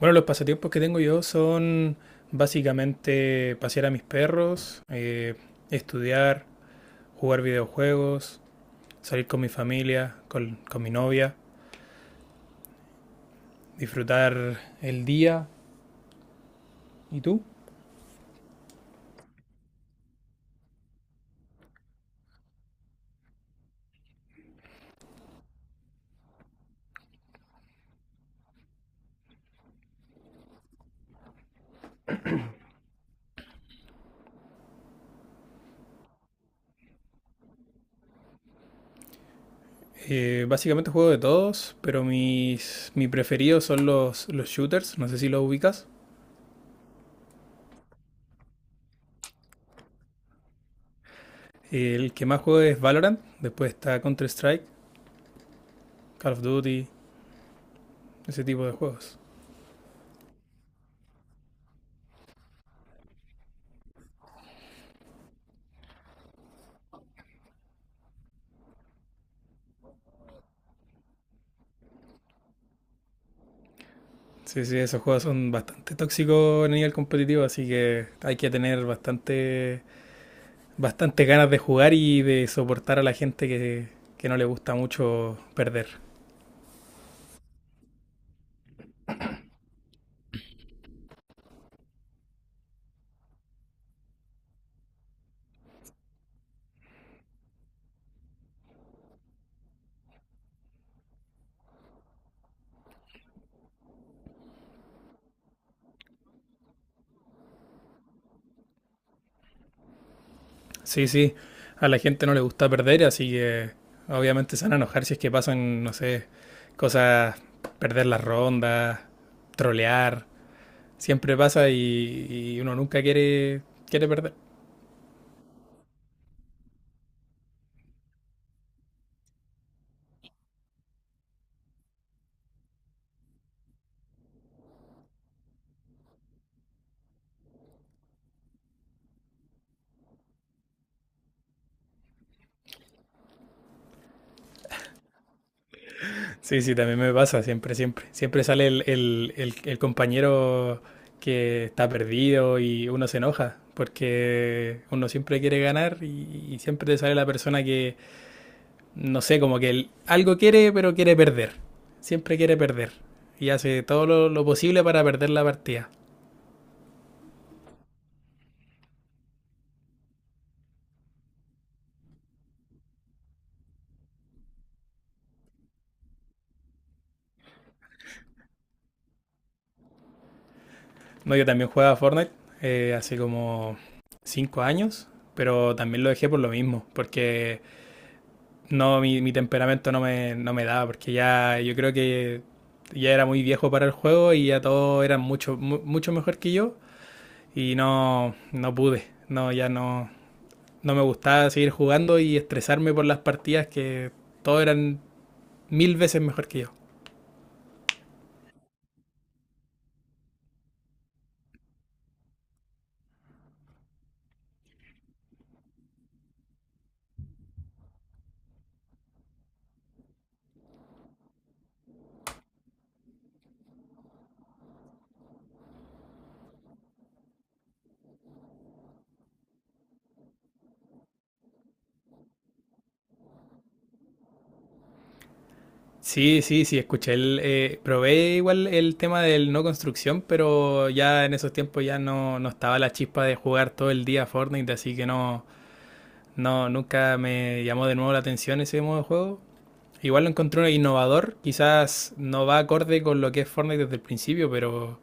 Bueno, los pasatiempos que tengo yo son básicamente pasear a mis perros, estudiar, jugar videojuegos, salir con mi familia, con mi novia, disfrutar el día. ¿Y tú? Básicamente juego de todos, pero mi preferidos son los shooters, no sé si los ubicas. El que más juego es Valorant, después está Counter-Strike, Call of Duty, ese tipo de juegos. Sí, sí, esos juegos son bastante tóxicos a nivel competitivo, así que hay que tener bastante ganas de jugar y de soportar a la gente que no le gusta mucho perder. Sí, sí, a la gente no le gusta perder, así que obviamente se van a enojar si es que pasan, no sé, cosas, perder las rondas, trolear, siempre pasa y uno nunca quiere perder. Sí, sí, también me pasa, siempre, siempre. Siempre sale el compañero que está perdido y uno se enoja, porque uno siempre quiere ganar y siempre te sale la persona que, no sé, como que algo quiere, pero quiere perder. Siempre quiere perder y hace todo lo posible para perder la partida. No, yo también jugaba Fortnite hace como 5 años, pero también lo dejé por lo mismo, porque no, mi temperamento no me daba, porque ya yo creo que ya era muy viejo para el juego y ya todos eran mucho mejor que yo y no, no pude, no, ya no, no me gustaba seguir jugando y estresarme por las partidas que todos eran mil veces mejor que yo. Sí, sí, sí, escuché, probé igual el tema del no construcción, pero ya en esos tiempos ya no estaba la chispa de jugar todo el día Fortnite, así que no. No, nunca me llamó de nuevo la atención ese modo de juego. Igual lo encontré innovador, quizás no va acorde con lo que es Fortnite desde el principio, pero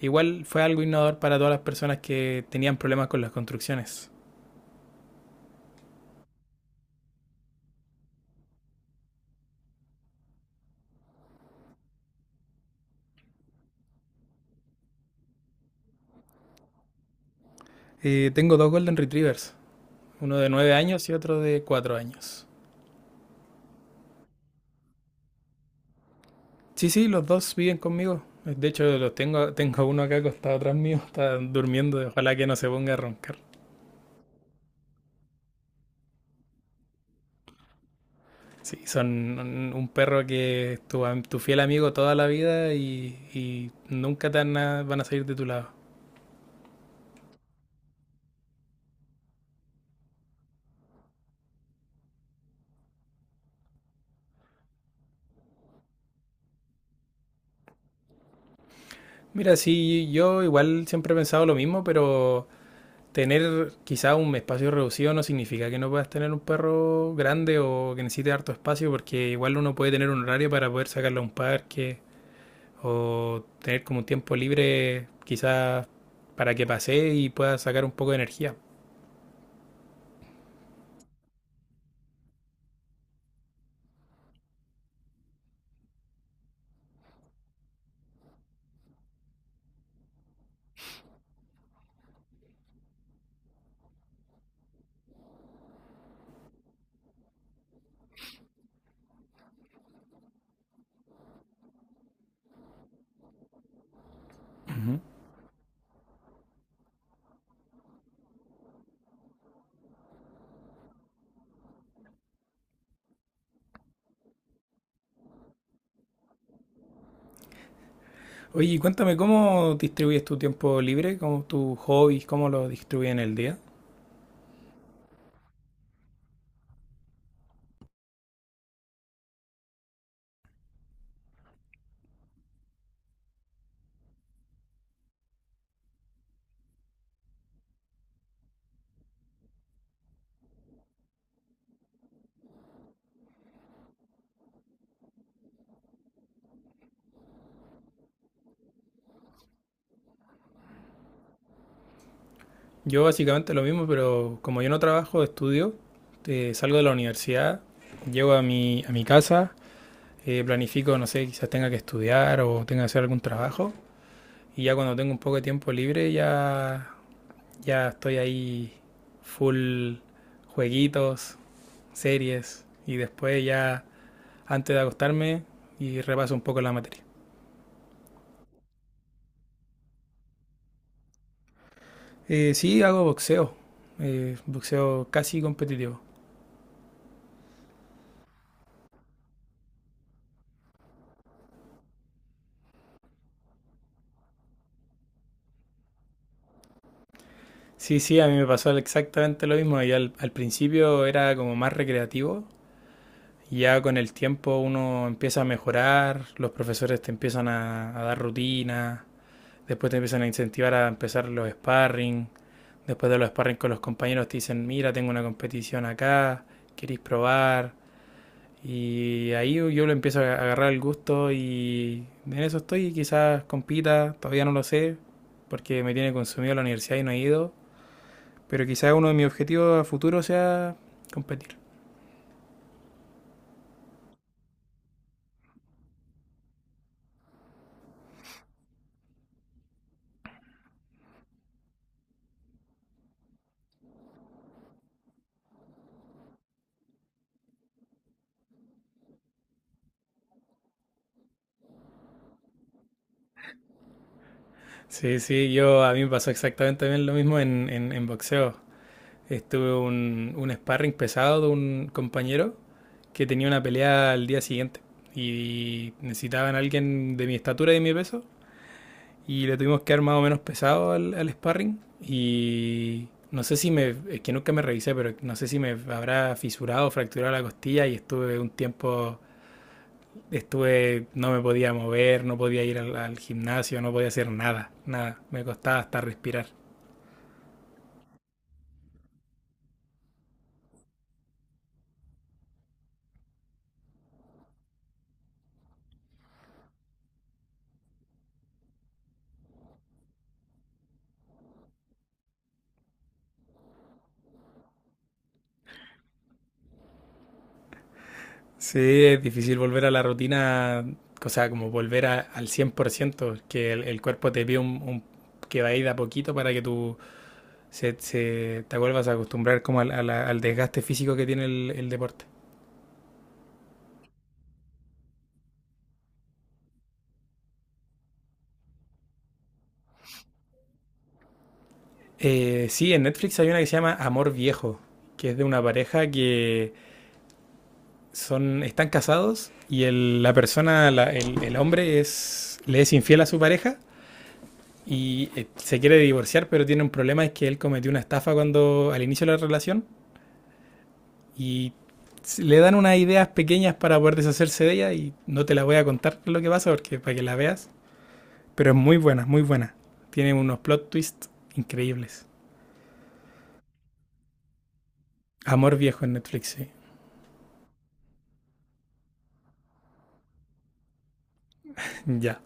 igual fue algo innovador para todas las personas que tenían problemas con las construcciones. Tengo dos Golden Retrievers, uno de 9 años y otro de 4 años. Sí, sí, los dos viven conmigo. De hecho, tengo uno acá acostado atrás mío, está durmiendo, ojalá que no se ponga a roncar. Sí, son un perro que es tu fiel amigo toda la vida y nunca te van a salir de tu lado. Mira, sí, yo igual siempre he pensado lo mismo, pero tener quizá un espacio reducido no significa que no puedas tener un perro grande o que necesite harto espacio, porque igual uno puede tener un horario para poder sacarlo a un parque o tener como un tiempo libre quizás para que pase y pueda sacar un poco de energía. Oye, y cuéntame, ¿cómo distribuyes tu tiempo libre? ¿Cómo tus hobbies? ¿Cómo lo distribuyes en el día? Yo básicamente lo mismo, pero como yo no trabajo, estudio, salgo de la universidad, llego a mi casa, planifico, no sé, quizás tenga que estudiar o tenga que hacer algún trabajo. Y ya cuando tengo un poco de tiempo libre, ya, ya estoy ahí full jueguitos, series. Y después ya, antes de acostarme, y repaso un poco la materia. Sí, hago boxeo, boxeo casi competitivo. Sí, sí, a mí me pasó exactamente lo mismo. Y al principio era como más recreativo. Ya con el tiempo uno empieza a mejorar, los profesores te empiezan a dar rutinas, después te empiezan a incentivar a empezar los sparring, después de los sparring con los compañeros te dicen, mira, tengo una competición acá, ¿queréis probar? Y ahí yo le empiezo a agarrar el gusto y en eso estoy. Quizás compita, todavía no lo sé, porque me tiene consumido la universidad y no he ido. Pero quizás uno de mis objetivos a futuro sea competir. Sí, sí, yo a mí me pasó exactamente también lo mismo en, en boxeo. Estuve un sparring pesado de un compañero que tenía una pelea al día siguiente y necesitaban a alguien de mi estatura y de mi peso y le tuvimos que dar más o menos pesado al sparring. Y no sé si me, es que nunca me revisé, pero no sé si me habrá fisurado o fracturado la costilla y estuve un tiempo, estuve, no me podía mover, no podía ir al gimnasio, no podía hacer nada, nada, me costaba hasta respirar. Sí, es difícil volver a la rutina, o sea, como volver al 100% que el cuerpo te pide que va a ir de a poquito para que tu te vuelvas a acostumbrar como al desgaste físico que tiene el deporte. Sí, en Netflix hay una que se llama Amor Viejo, que es de una pareja que están casados y el- la persona, la- el hombre es, le es infiel a su pareja y se quiere divorciar, pero tiene un problema, es que él cometió una estafa cuando al inicio de la relación y le dan unas ideas pequeñas para poder deshacerse de ella y no te la voy a contar lo que pasa porque para que la veas. Pero es muy buena, muy buena. Tiene unos plot twists increíbles. Amor Viejo en Netflix, sí. Ya.